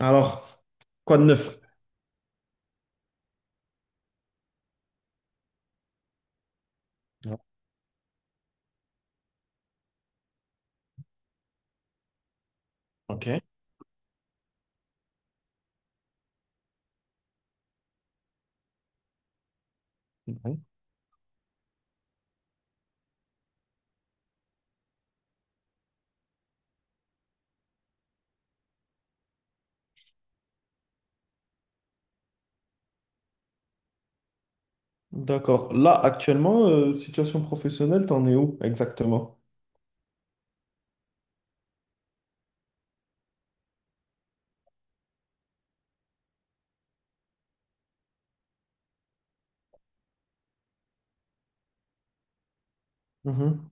Alors, quoi de neuf? Ok. Mhm. D'accord. Là, actuellement, situation professionnelle, t'en es où exactement? Mhm.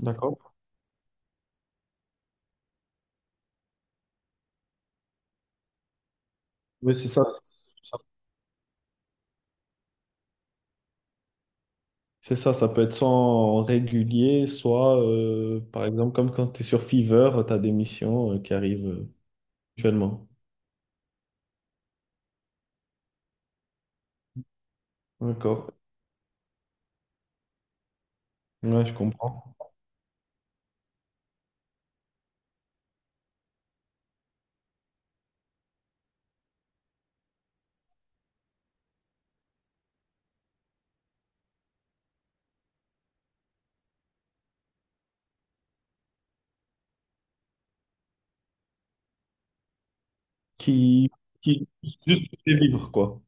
D'accord. Oui, c'est ça. C'est ça, ça peut être soit en régulier, soit, par exemple, comme quand tu es sur Fiverr, tu as des missions qui arrivent actuellement. D'accord. Ouais, je comprends. Qui, qui juste pour vivre, quoi.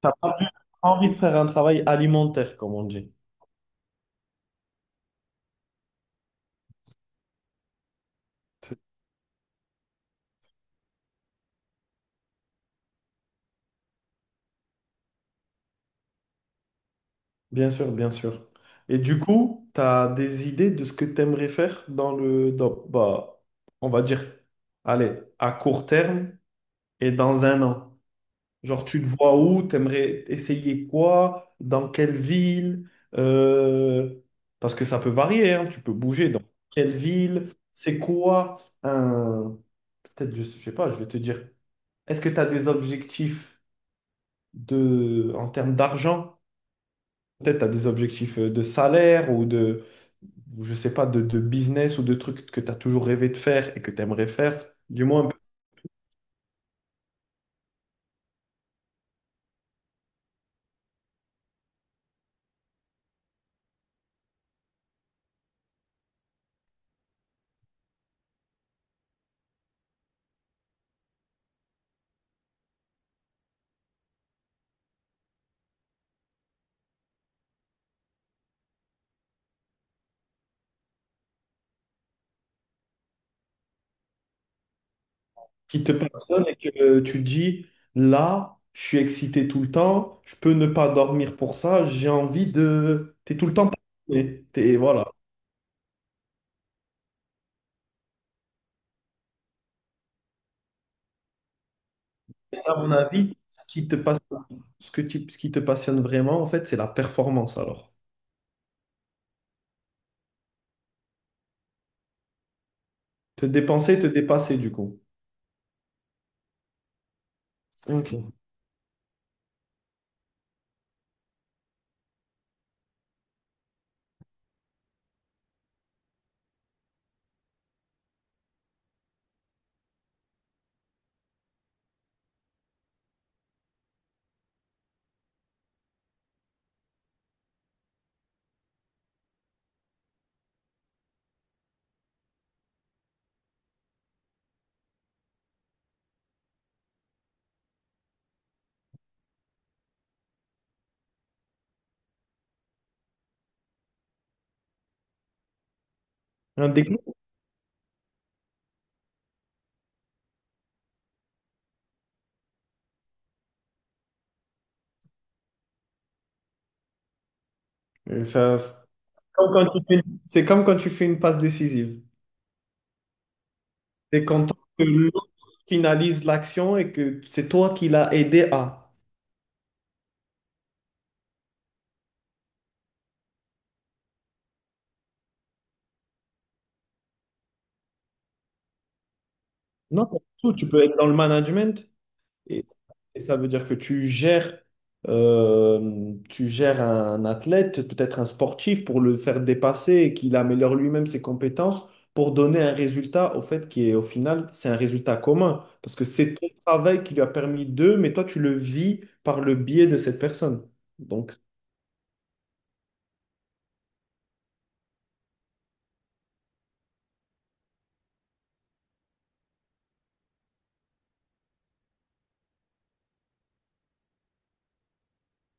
T'as pas plus envie de faire un travail alimentaire, comme on dit. Bien sûr, bien sûr. Et du coup, tu as des idées de ce que tu aimerais faire bah, on va dire, allez, à court terme et dans un an. Genre, tu te vois où, tu aimerais essayer quoi, dans quelle ville, euh, parce que ça peut varier, hein, tu peux bouger dans quelle ville, c'est quoi un... Peut-être, je sais pas, je vais te dire, est-ce que tu as des objectifs de, en termes d'argent? Peut-être tu as des objectifs de salaire ou je sais pas, de business ou de trucs que tu as toujours rêvé de faire et que tu aimerais faire, du moins un peu, qui te passionne et que tu te dis, là, je suis excité tout le temps, je peux ne pas dormir pour ça, j'ai envie de... Tu es tout le temps passionné. T'es, voilà. Et à mon avis, ce qui te passionne, ce qui te passionne vraiment, en fait, c'est la performance alors. Te dépenser, te dépasser du coup. Ok. Un déclic. C'est comme quand tu fais une c'est comme quand tu fais une passe décisive. T'es content que l'autre finalise l'action et que c'est toi qui l'as aidé à. Non, pas du tout. Tu peux être dans le management et, et ça veut dire que tu gères un athlète, peut-être un sportif, pour le faire dépasser et qu'il améliore lui-même ses compétences pour donner un résultat au fait qui est au final, c'est un résultat commun parce que c'est ton travail qui lui a permis d'eux, mais toi tu le vis par le biais de cette personne. Donc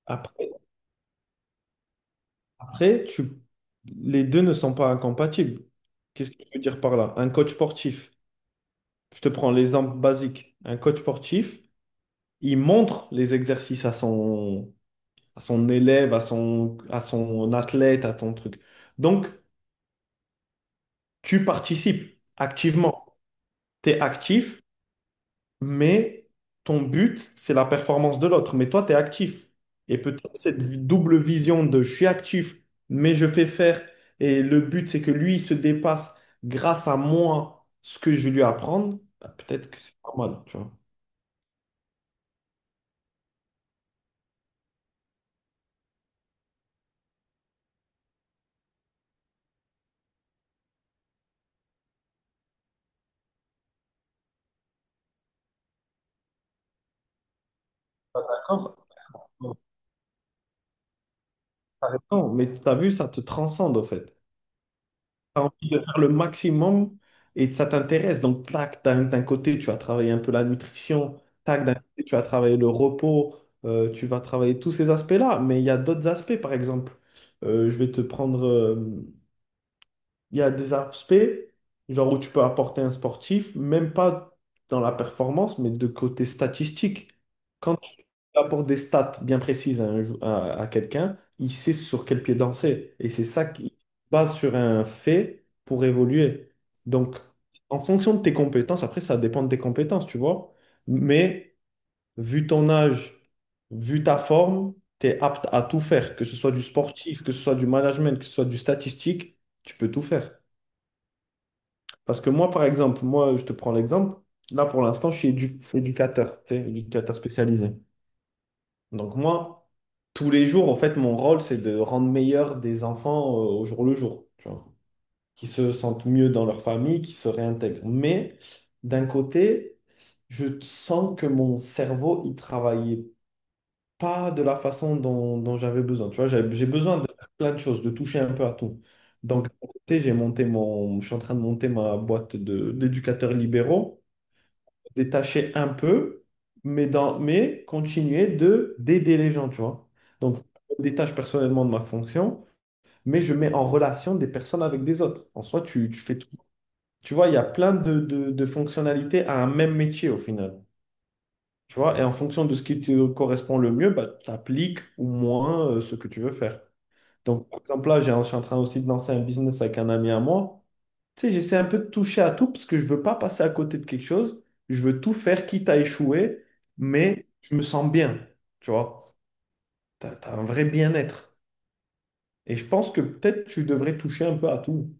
après. Après, tu... les deux ne sont pas incompatibles. Qu'est-ce que je veux dire par là? Un coach sportif, je te prends l'exemple basique. Un coach sportif, il montre les exercices à son élève, à son athlète, à ton truc. Donc, tu participes activement. Tu es actif, mais ton but, c'est la performance de l'autre. Mais toi, tu es actif. Et peut-être cette double vision de je suis actif, mais je fais faire, et le but, c'est que lui, il se dépasse grâce à moi ce que je vais lui apprendre, bah, peut-être que c'est pas mal, tu vois. D'accord? T'as raison, mais tu as vu, ça te transcende, en fait. As envie de faire le maximum et ça t'intéresse. Donc, tac, d'un côté, tu vas travailler un peu la nutrition, tac, d'un côté, tu vas travailler le repos, tu vas travailler tous ces aspects-là. Mais il y a d'autres aspects, par exemple. Je vais te prendre. Il y a des aspects, genre où tu peux apporter un sportif, même pas dans la performance, mais de côté statistique. Quand il apporte des stats bien précises à, à quelqu'un, il sait sur quel pied danser. Et c'est ça qui base sur un fait pour évoluer. Donc, en fonction de tes compétences, après, ça dépend de tes compétences, tu vois. Mais vu ton âge, vu ta forme, tu es apte à tout faire, que ce soit du sportif, que ce soit du management, que ce soit du statistique, tu peux tout faire. Parce que moi, par exemple, moi, je te prends l'exemple. Là, pour l'instant, je suis éducateur, tu sais, éducateur spécialisé. Donc moi, tous les jours, en fait, mon rôle, c'est de rendre meilleurs des enfants au jour le jour, tu vois, qui se sentent mieux dans leur famille, qui se réintègrent. Mais d'un côté, je sens que mon cerveau, il travaillait pas de la façon dont j'avais besoin. Tu vois, j'ai besoin de faire plein de choses, de toucher un peu à tout. Donc, d'un côté, je suis en train de monter ma boîte d'éducateurs libéraux détacher un peu, mais continuer de d'aider les gens, tu vois. Donc, je me détache personnellement de ma fonction, mais je mets en relation des personnes avec des autres. En soi, tu fais tout. Tu vois, il y a plein de fonctionnalités à un même métier au final. Tu vois, et en fonction de ce qui te correspond le mieux, bah, tu appliques ou moins ce que tu veux faire. Donc, par exemple, là, je suis en train aussi de lancer un business avec un ami à moi. Tu sais, j'essaie un peu de toucher à tout parce que je veux pas passer à côté de quelque chose. Je veux tout faire, quitte à échouer, mais je me sens bien. Tu vois, tu as, un vrai bien-être. Et je pense que peut-être tu devrais toucher un peu à tout.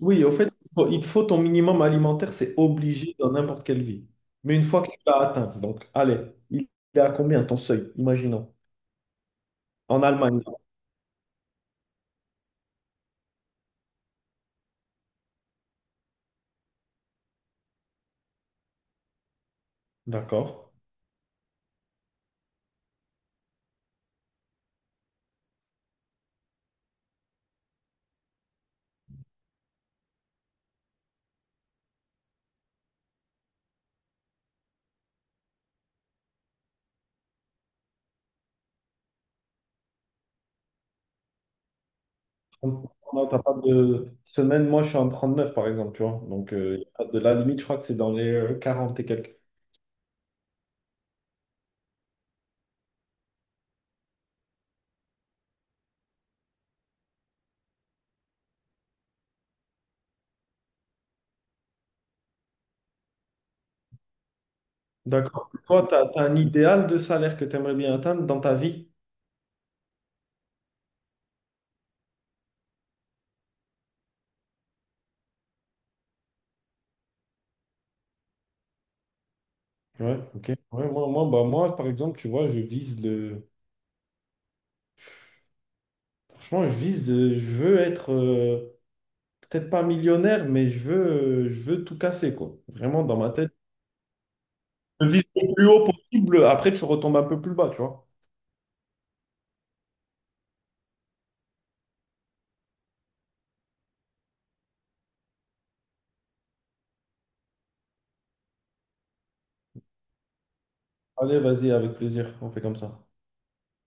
Oui, au fait, il te faut ton minimum alimentaire, c'est obligé dans n'importe quelle vie. Mais une fois que tu l'as atteint, donc allez, il est à combien ton seuil, imaginons, en Allemagne, d'accord? Non, t'as pas de semaine, moi je suis en 39 par exemple, tu vois. Donc y a pas de la limite, je crois que c'est dans les 40 et quelques. D'accord. Toi, tu as, un idéal de salaire que tu aimerais bien atteindre dans ta vie? Ouais, ok. Ouais, bah, moi, par exemple, tu vois, je vise le. Franchement, je vise. Je veux être peut-être pas millionnaire, mais je veux tout casser, quoi. Vraiment, dans ma tête. Je vise le plus haut possible, après tu retombes un peu plus bas, tu vois. Allez, vas-y, avec plaisir. On fait comme ça.